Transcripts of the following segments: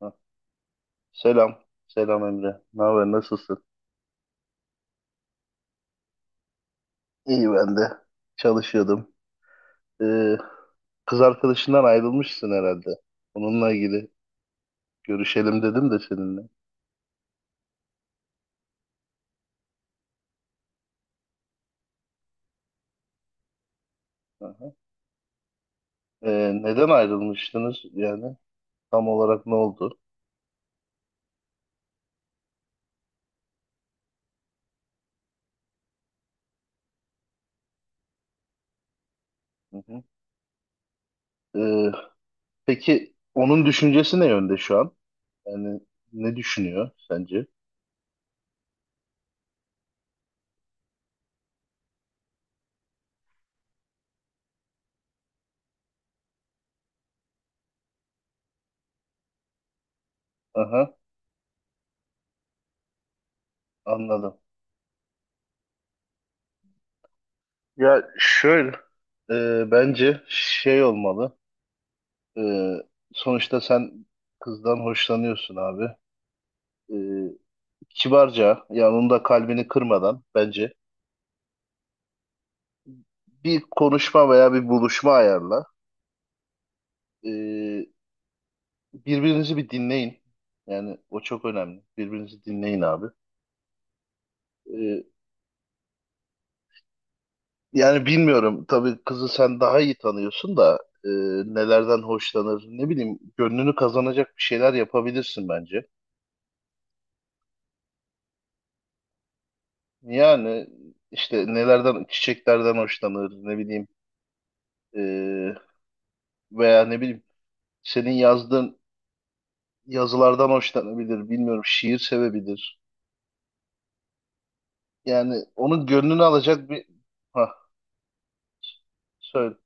Ha, selam. Selam Emre. Ne haber? Nasılsın? İyi ben de. Çalışıyordum. Ee, Kız arkadaşından ayrılmışsın herhalde. Onunla ilgili görüşelim dedim de seninle. Aha. Neden ayrılmıştınız yani? Tam olarak ne oldu? Hı hı. Ee, peki onun düşüncesi ne yönde şu an? Yani ne düşünüyor sence? Aha, anladım. Ya şöyle, bence şey olmalı. Ee, Sonuçta sen kızdan hoşlanıyorsun abi. Ee, Kibarca yani onun da kalbini kırmadan bence bir konuşma veya bir buluşma ayarla. Ee, Birbirinizi bir dinleyin. Yani o çok önemli. Birbirinizi dinleyin abi. Ee, Yani bilmiyorum tabii kızı sen daha iyi tanıyorsun da e, nelerden hoşlanır ne bileyim gönlünü kazanacak bir şeyler yapabilirsin bence. Yani işte nelerden çiçeklerden hoşlanır ne bileyim e, veya ne bileyim senin yazdığın yazılardan hoşlanabilir, bilmiyorum şiir sevebilir. Yani onun gönlünü alacak bir ha söyle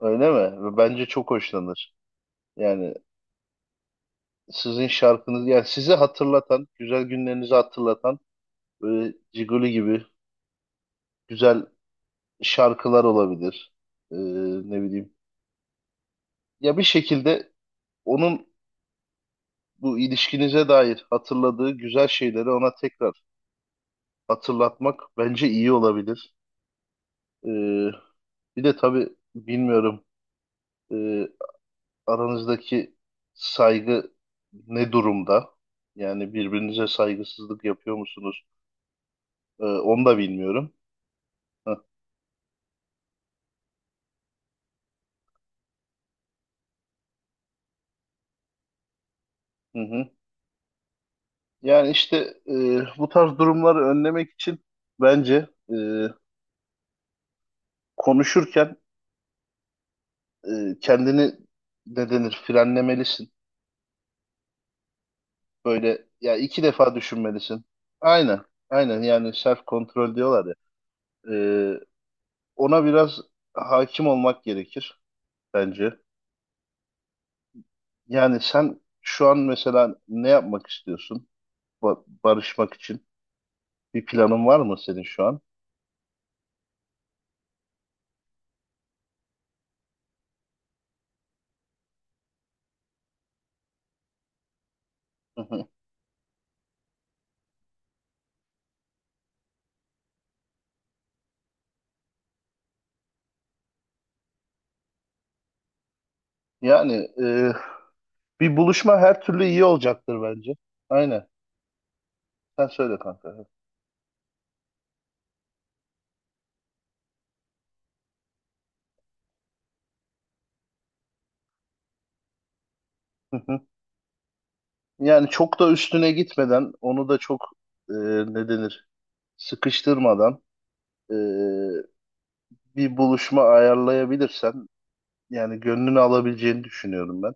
öyle mi? Bence çok hoşlanır. Yani sizin şarkınız yani sizi hatırlatan, güzel günlerinizi hatırlatan böyle Ciguli gibi güzel şarkılar olabilir. Ee, Ne bileyim. Ya bir şekilde onun bu ilişkinize dair hatırladığı güzel şeyleri ona tekrar hatırlatmak bence iyi olabilir. Ee, Bir de tabii bilmiyorum e, aranızdaki saygı ne durumda? Yani birbirinize saygısızlık yapıyor musunuz? Onu da bilmiyorum. Heh, hı hı. Yani işte bu tarz durumları önlemek için bence konuşurken kendini ne denir frenlemelisin. Böyle ya iki defa düşünmelisin. Aynen, aynen yani self kontrol diyorlar ya. Ee, Ona biraz hakim olmak gerekir. Bence. Yani sen şu an mesela ne yapmak istiyorsun? Barışmak için bir planın var mı senin şu an? Hı hı. Yani e, bir buluşma her türlü iyi olacaktır bence. Aynen. Sen söyle kanka. Hı hı. Yani çok da üstüne gitmeden, onu da çok ne denir, sıkıştırmadan e, bir buluşma ayarlayabilirsen, yani gönlünü alabileceğini düşünüyorum ben.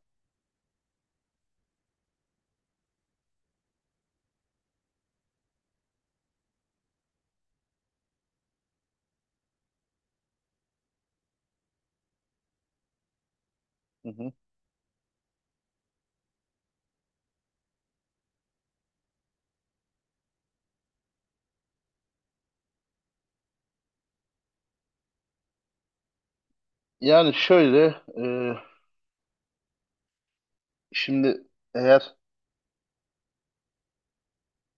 Hı hı. Yani şöyle, şimdi eğer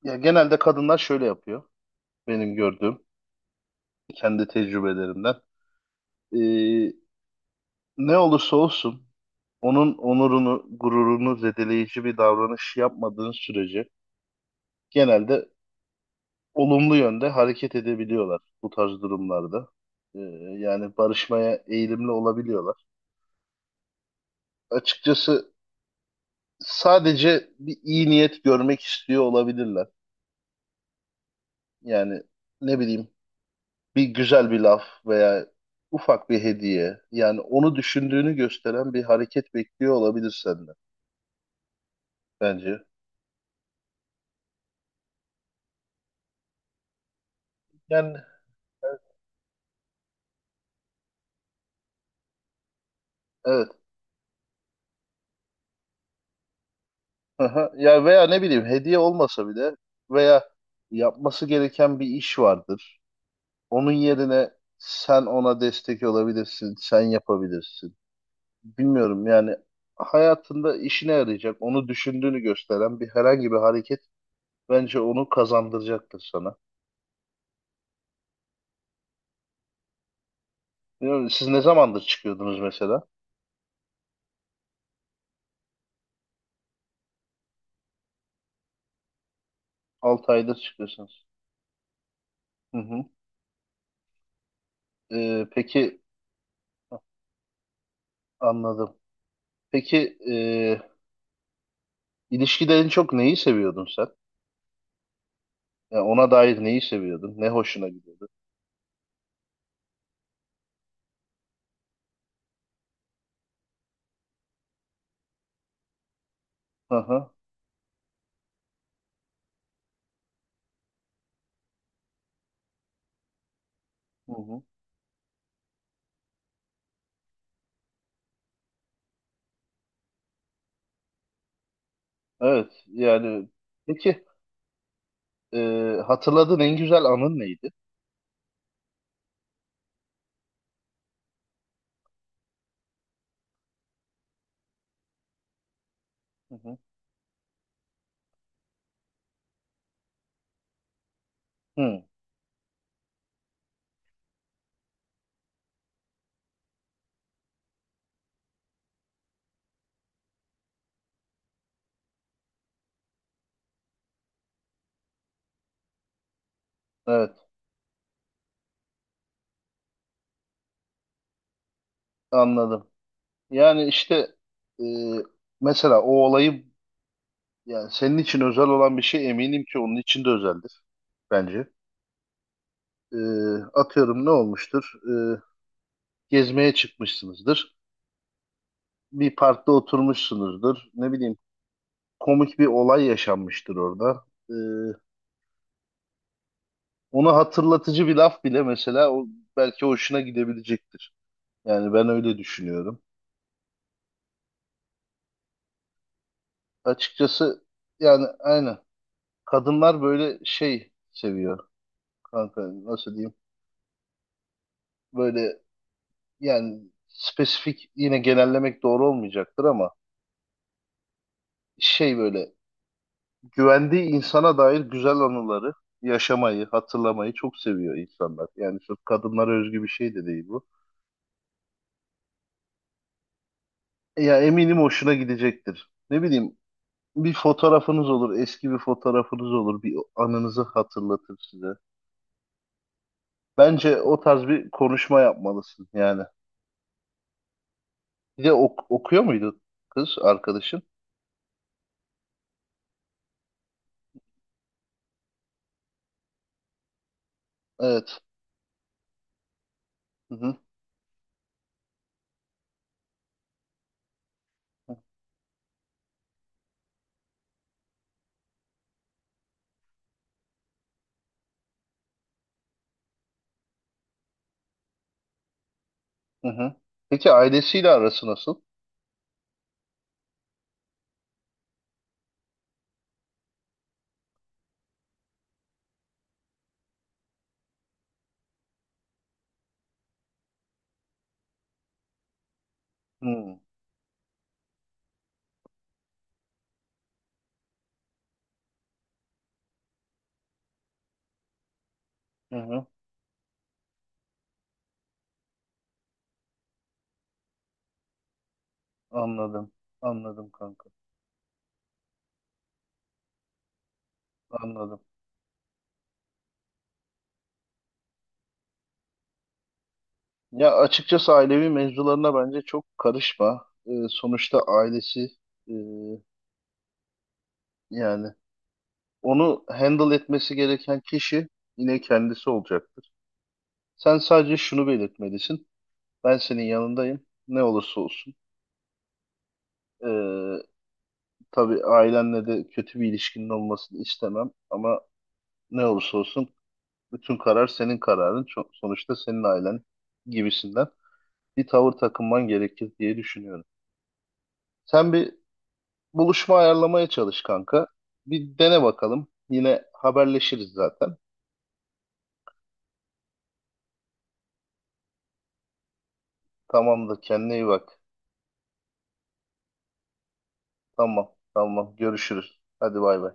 ya genelde kadınlar şöyle yapıyor benim gördüğüm kendi tecrübelerimden. E, Ne olursa olsun onun onurunu, gururunu zedeleyici bir davranış yapmadığın sürece genelde olumlu yönde hareket edebiliyorlar bu tarz durumlarda. E, Yani barışmaya eğilimli olabiliyorlar. Açıkçası sadece bir iyi niyet görmek istiyor olabilirler. Yani ne bileyim bir güzel bir laf veya ufak bir hediye yani onu düşündüğünü gösteren bir hareket bekliyor olabilir senden bence. Yani evet. Aha. Ya veya ne bileyim hediye olmasa bile veya yapması gereken bir iş vardır. Onun yerine sen ona destek olabilirsin, sen yapabilirsin. Bilmiyorum yani hayatında işine yarayacak, onu düşündüğünü gösteren bir herhangi bir hareket bence onu kazandıracaktır sana. Bilmiyorum, siz ne zamandır çıkıyordunuz mesela? 6 aydır çıkıyorsunuz. Hı hı. Peki anladım. Peki ilişkide en çok neyi seviyordun sen? Yani ona dair neyi seviyordun? Ne hoşuna gidiyordu? Hı hı. Hı hı. Evet yani peki e, hatırladığın en güzel anın neydi? Hı hı. Hı, evet anladım. Yani işte e, mesela o olayı yani senin için özel olan bir şey eminim ki onun için de özeldir bence. E, Atıyorum ne olmuştur? E, Gezmeye çıkmışsınızdır. Bir parkta oturmuşsunuzdur. Ne bileyim komik bir olay yaşanmıştır orada. Ee, Onu hatırlatıcı bir laf bile mesela o belki hoşuna gidebilecektir. Yani ben öyle düşünüyorum. Açıkçası yani aynen. Kadınlar böyle şey seviyor kanka nasıl diyeyim? Böyle yani spesifik yine genellemek doğru olmayacaktır ama şey böyle güvendiği insana dair güzel anıları yaşamayı, hatırlamayı çok seviyor insanlar. Yani sırf kadınlara özgü bir şey de değil bu. Ya eminim hoşuna gidecektir. Ne bileyim bir fotoğrafınız olur, eski bir fotoğrafınız olur, bir anınızı hatırlatır size. Bence o tarz bir konuşma yapmalısın yani. Bir de okuyor muydu kız arkadaşın? Evet. Hı hı, hı hı. Peki ailesiyle arası nasıl? Hı hı, hı. Anladım. Anladım kanka. Anladım. Ya açıkçası ailevi mevzularına bence çok karışma. Sonuçta ailesi e, yani onu handle etmesi gereken kişi yine kendisi olacaktır. Sen sadece şunu belirtmelisin. Ben senin yanındayım. Ne olursa olsun. Ee, tabii ailenle de kötü bir ilişkinin olmasını istemem. Ama ne olursa olsun bütün karar senin kararın. Sonuçta senin ailen gibisinden bir tavır takınman gerekir diye düşünüyorum. Sen bir buluşma ayarlamaya çalış kanka. Bir dene bakalım. Yine haberleşiriz zaten. Tamamdır kendine iyi bak. Tamam, tamam. Görüşürüz. Hadi bay bay.